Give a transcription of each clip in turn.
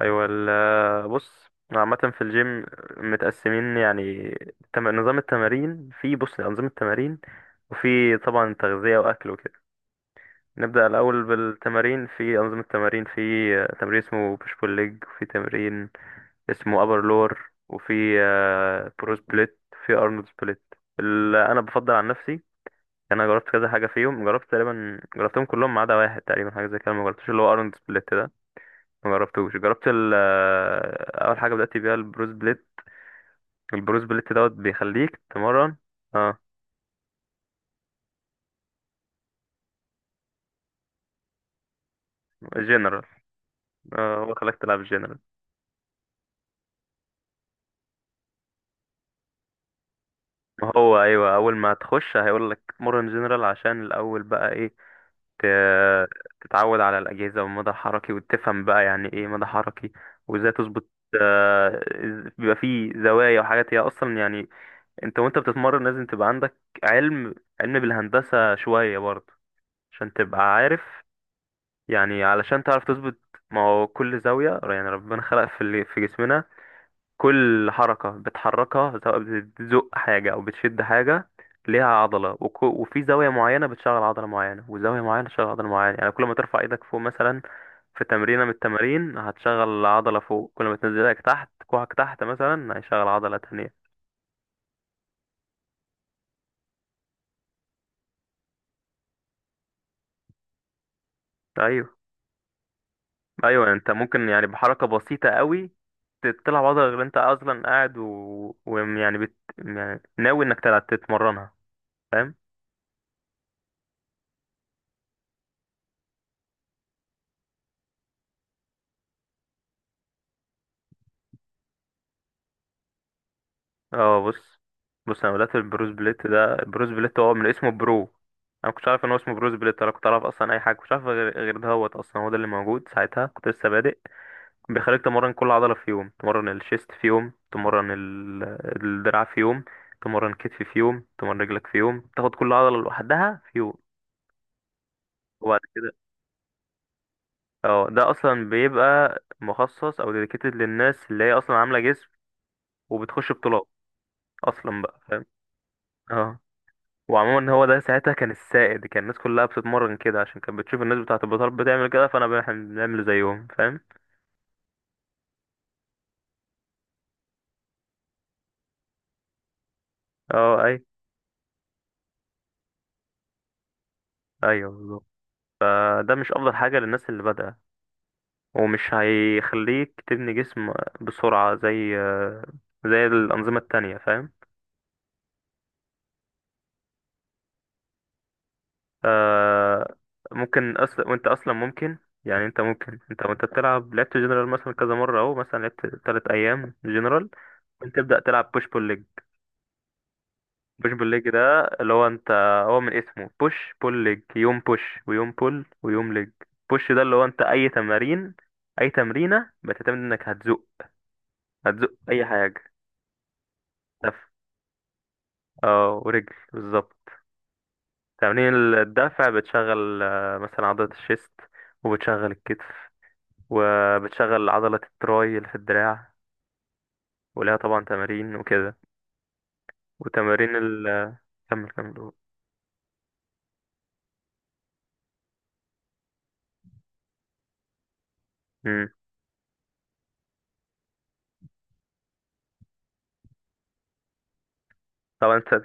ايوه، بص، عامة في الجيم متقسمين يعني، نظام التمارين بص، أنظمة تمارين. وفي طبعا تغذية وأكل وكده. نبدأ الأول بالتمارين. في أنظمة تمارين، في تمرين اسمه بوش بول ليج، وفي تمرين اسمه أبر لور، وفي برو سبليت، وفي أرنولد سبليت اللي أنا بفضل عن نفسي. أنا جربت كذا حاجة فيهم، جربت تقريبا، جربتهم كلهم ما عدا واحد تقريبا، حاجة زي كده ما جربتش، اللي هو أرنولد سبليت. ما جربتوش. جربت ال آه، اول حاجه بدات بيها البروس بليت. البروس بليت دوت بيخليك تمرن. اه، جنرال. اه، هو خلاك تلعب جنرال. ما هو ايوه، اول ما تخش هيقول لك مرن جنرال عشان الاول بقى ايه، ت- تتعود على الاجهزه والمدى الحركي، وتفهم بقى يعني ايه مدى حركي، وازاي تظبط. بيبقى فيه زوايا وحاجات هي اصلا، يعني انت وانت بتتمرن لازم تبقى عندك علم علم بالهندسه شويه برضه، عشان تبقى عارف، يعني علشان تعرف تظبط. ما هو كل زاوية يعني ربنا خلق في اللي في جسمنا، كل حركة بتحركها سواء بتزق حاجة أو بتشد حاجة ليها عضلة، وفي زاوية معينة بتشغل عضلة معينة، وزاوية معينة تشغل عضلة معينة. يعني كل ما ترفع ايدك فوق مثلا، في تمرينة من التمارين هتشغل عضلة فوق. كل ما تنزل ايدك تحت كوعك تحت مثلا هيشغل عضلة تانية. أيوة. ايوه، انت ممكن يعني بحركه بسيطه قوي تطلع بعض، غير انت اصلا قاعد ويعني يعني ناوي انك تلعب تتمرنها، فاهم. اه، بص. انا بدات البروس بليت ده، بروس بليت هو من اسمه برو. انا كنتش عارف ان هو اسمه بروس بليت، انا كنت اعرف اصلا اي حاجه، كنتش عارف غير ده. هوت اصلا هو ده اللي موجود ساعتها، كنت لسه بادئ. بيخليك تمرن كل عضله في يوم، تمرن الشيست في يوم، تمرن الدراع في يوم، تمرن كتف في يوم، تمرن رجلك في يوم، تاخد كل عضله لوحدها في يوم. اه، ده اصلا بيبقى مخصص او ديديكيتد للناس اللي هي اصلا عامله جسم وبتخش بطولات اصلا بقى، فاهم. اه. وعموما هو ده ساعتها كان السائد، كان الناس كلها بتتمرن كده عشان كانت بتشوف الناس بتاعه البطولات بتعمل كده، فانا احنا بنعمل زيهم، فاهم. اه، اي، ايوه بالظبط. ده مش افضل حاجه للناس اللي بادئه، ومش هيخليك تبني جسم بسرعه زي زي الانظمه التانية، فاهم. آه، ممكن وانت اصلا ممكن، يعني انت ممكن، انت وانت بتلعب، لعبت جنرال مثلا كذا مره، اهو مثلا لعبت 3 ايام جنرال، ممكن تبدا تلعب بوش بول ليج. بوش بول ليج ده اللي هو انت، هو من اسمه بوش بول ليج، يوم بوش ويوم بول ويوم ليج. بوش ده اللي هو انت اي تمارين اي تمرينه بتعتمد انك هتزق، هتزق اي حاجه. دفع، اه، ورجل بالظبط. تمارين الدفع بتشغل مثلا عضله الشيست، وبتشغل الكتف، وبتشغل عضلة التراي اللي في الدراع، ولها طبعا تمارين وكده. وتمارين ال... كمل قول. مم. طبعا انت،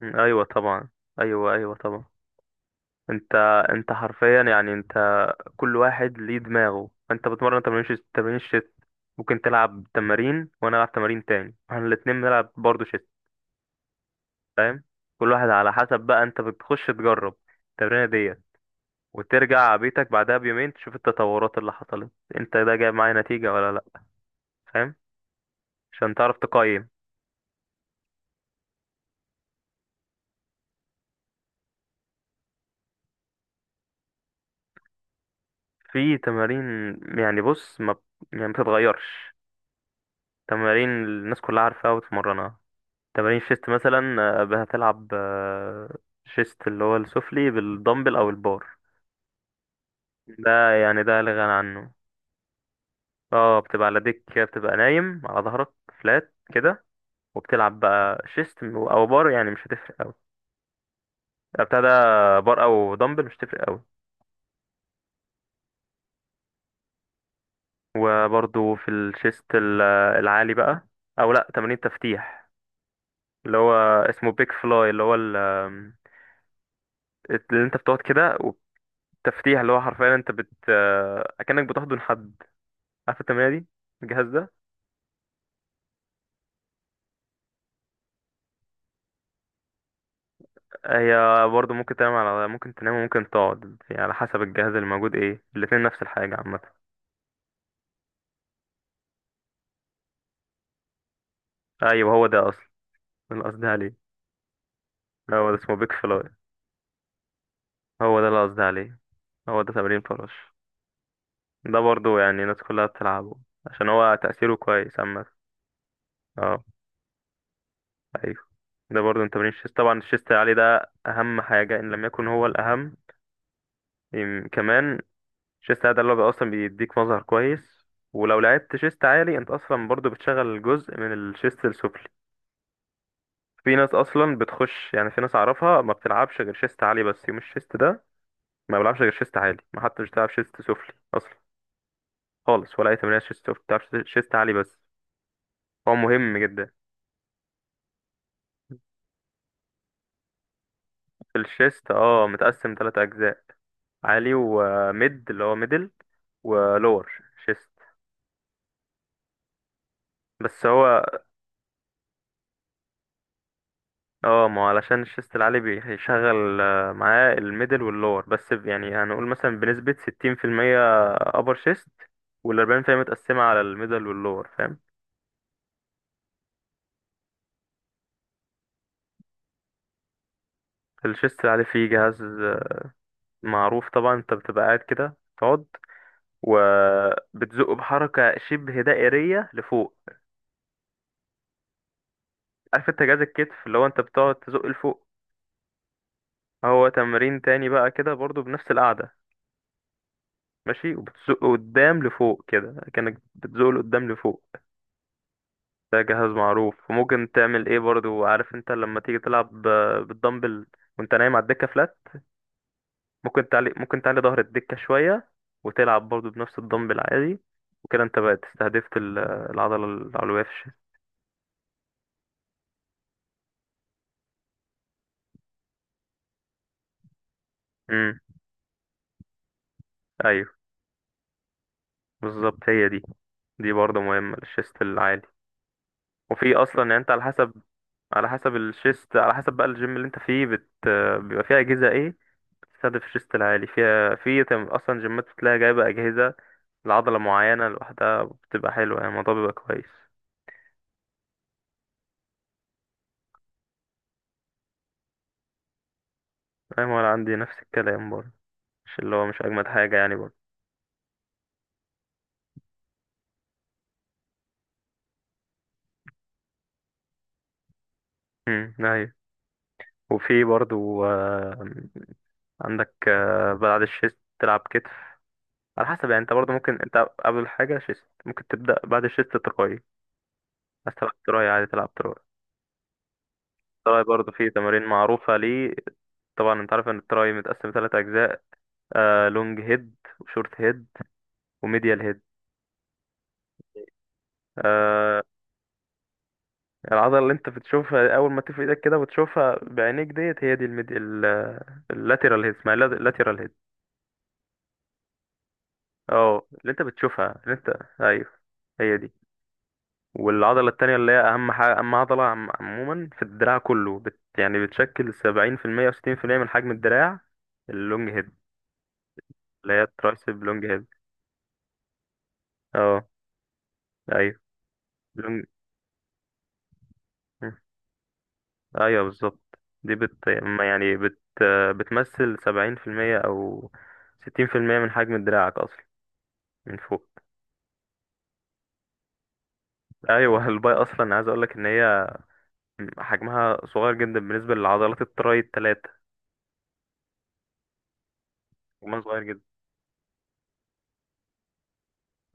مم. ايوه طبعا. ايوه، ايوه طبعا. انت انت حرفيا يعني انت، كل واحد ليه دماغه. انت بتمرن تمارين شيست، تمارين شيست ممكن تلعب، تمارين وانا العب تمارين تاني، احنا الاتنين بنلعب برضه شيست، فاهم. كل واحد على حسب. بقى انت بتخش تجرب التمرينه ديت، وترجع بيتك بعدها بيومين تشوف التطورات اللي حصلت، انت ده جايب معايا نتيجة ولا لا، فاهم، عشان تعرف تقيم. في تمارين، يعني بص، ما ب- يعني ما بتتغيرش. تمارين الناس كلها عارفاها وتتمرنها. تمارين شيست مثلا هتلعب شيست اللي هو السفلي بالدمبل او البار، ده يعني ده لا غنى عنه. اه، بتبقى على ديك كده، بتبقى نايم على ظهرك فلات كده، وبتلعب بقى شيست او بار، يعني مش هتفرق قوي بتاع ده، بار او دمبل مش هتفرق قوي. وبرضو في الشيست العالي بقى، او لا، تمارين تفتيح اللي هو اسمه بيك فلاي، اللي هو اللي انت بتقعد كده. والتفتيح اللي هو حرفيا انت بت آه، اكنك بتحضن حد، عارف التمرينه دي، الجهاز ده. هي برضه ممكن تنام على، ممكن تنام وممكن تقعد يعني على حسب الجهاز اللي موجود، ايه الاتنين نفس الحاجه عامه. ايوه، هو ده اصلا، ده اللي قصدي عليه، هو ده اسمه بيك فلاي، هو ده اللي قصدي عليه، هو ده تمرين فراش. ده برضه يعني الناس كلها بتلعبه عشان هو تأثيره كويس عامة. اه، ايوه. ده برضه انت، مش طبعا. الشيست العالي ده اهم حاجه ان لم يكن هو الاهم كمان. الشيست العالي ده اللي هو اصلا بيديك مظهر كويس، ولو لعبت شيست عالي انت اصلا برضه بتشغل جزء من الشيست السفلي. في ناس اصلا بتخش، يعني في ناس اعرفها ما بتلعبش غير شيست عالي بس. يوم الشيست ده ما بلعبش غير شيست عالي، ما حتى مش بتلعب شيست سفلي اصلا خالص، ولا اي تمرين شيست سفلي، بتلعب شيست عالي بس. هو مهم جدا. الشيست اه متقسم ثلاث اجزاء، عالي وميد اللي هو ميدل، ولور شيست. بس هو اه، ما هو علشان الشيست العالي بيشغل معاه الميدل واللور، يعني هنقول مثلا بنسبة 60% أبر شيست، والأربعين في المية متقسمة على الميدل واللور، فاهم. الشيست العالي فيه جهاز معروف طبعا، انت بتبقى قاعد كده تقعد وبتزقه بحركة شبه دائرية لفوق. عارف انت جهاز الكتف اللي هو انت بتقعد تزق لفوق، هو تمرين تاني بقى كده برضو بنفس القعدة. ماشي، وبتزقه قدام لفوق كده كأنك بتزقه لقدام لفوق. ده جهاز معروف. وممكن تعمل ايه، برضو عارف انت لما تيجي تلعب بالدمبل وانت نايم على الدكة فلات، ممكن تعلي ظهر الدكة شوية، وتلعب برضو بنفس الدمبل عادي، وكده انت بقى استهدفت العضلة العلوية في الشيست. امم، ايوه بالظبط. هي دي. دي برضو مهمة للشيست العالي. وفي اصلا يعني انت على حسب على حسب الشيست، على حسب بقى الجيم اللي انت فيه بيبقى فيه اجهزة ايه تستهدف الشيست العالي فيها. في اصلا جيمات بتلاقي جايبه اجهزه لعضله معينه لوحدها، بتبقى حلوه يعني الموضوع بيبقى كويس. ايوه، وانا عندي نفس الكلام برضه. مش اللي هو مش اجمد حاجه يعني برضه. امم، ايوه. وفي برضه عندك بعد الشيست تلعب كتف، على حسب يعني انت برضه ممكن انت، قبل حاجه شيست ممكن تبدا، بعد الشيست تراي، عايز تلعب تراي عادي تلعب تراي. التراي برضه فيه تمارين معروفة ليه. طبعا انت عارف ان التراي متقسم ثلاث اجزاء، لونج هيد وشورت هيد وميديال هيد. آه العضلة اللي انت بتشوفها اول ما تفرد ايدك كده وتشوفها بعينيك ديت هي دي اللاترال هيد، اسمها اللاترال هيد. اه، اللي انت بتشوفها، اللي انت ايوه هي دي. والعضلة التانية اللي هي اهم حاجة، اهم عضلة عموما في الدراع كله يعني بتشكل 70% وستين في المية من حجم الدراع، اللونج هيد، اللي هي الترايسب لونج هيد. اه، ايوه لونج. ايوه بالظبط، دي بت ما يعني بت بتمثل 70% او 60% من حجم دراعك اصلا من فوق. ايوه. الباي اصلا عايز اقولك ان هي حجمها صغير جدا بالنسبة لعضلات التراي التلاتة، حجمها صغير جدا.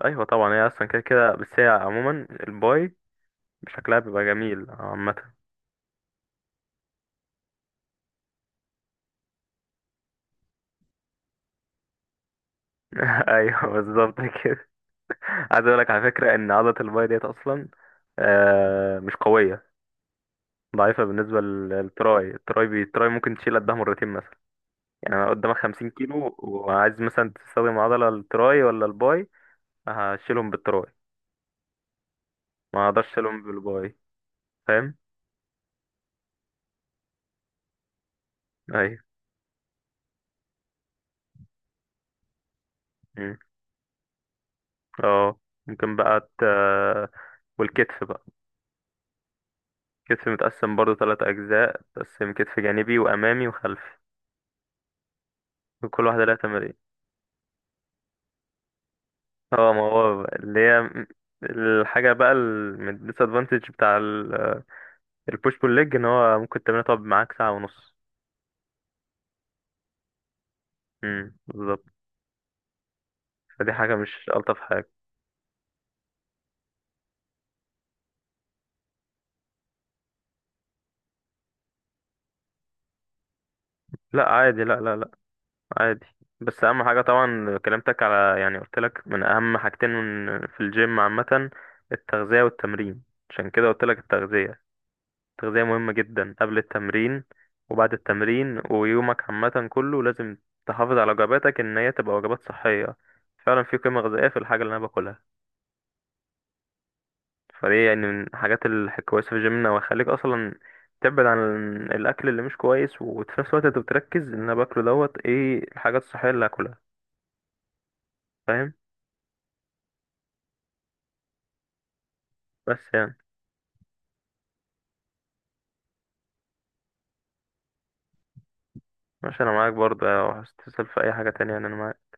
ايوه طبعا، هي اصلا كده كده، بس هي عموما الباي شكلها بيبقى جميل عامة. ايوه بالظبط كده. عايز اقولك على فكرة ان عضلة الباي ديت اصلا مش قوية، ضعيفة بالنسبة للتراي. التراي ممكن تشيل قدها مرتين مثلا. يعني انا قدامك 50 كيلو، وعايز مثلا تستخدم عضلة التراي ولا الباي، هشيلهم بالتراي، ما اقدرش اشيلهم بالباي، فاهم. ايوه، مم. اه ممكن بقى والكتف بقى. الكتف متقسم برضو ثلاث اجزاء، متقسم كتف جانبي وامامي وخلفي، وكل واحدة لها تمارين. اه ما هو بقى اللي هي الحاجة بقى الديس ادفانتج بتاع البوش بول ليج ان هو ممكن تمرينها تقعد معاك ساعة ونص. بالظبط، فدي حاجة مش ألطف حاجة. لا عادي، لا، لا، لا عادي. بس اهم حاجه طبعا كلمتك على، يعني قلت لك من اهم حاجتين في الجيم عامه، التغذيه والتمرين. عشان كده قلت لك التغذيه. التغذيه مهمه جدا قبل التمرين وبعد التمرين، ويومك عامه كله لازم تحافظ على وجباتك ان هي تبقى وجبات صحيه، فعلا في قيمه غذائيه في الحاجه اللي انا باكلها. فدي يعني من الحاجات الكويسه في جيمنا، وهيخليك اصلا تبعد عن الاكل اللي مش كويس، وفي نفس الوقت انت بتركز ان انا باكله دوت ايه الحاجات الصحيه اللي هاكلها، فاهم. بس يعني ماشي، انا معاك برضه لو عايز تسأل في اي حاجة تانية، يعني انا معاك.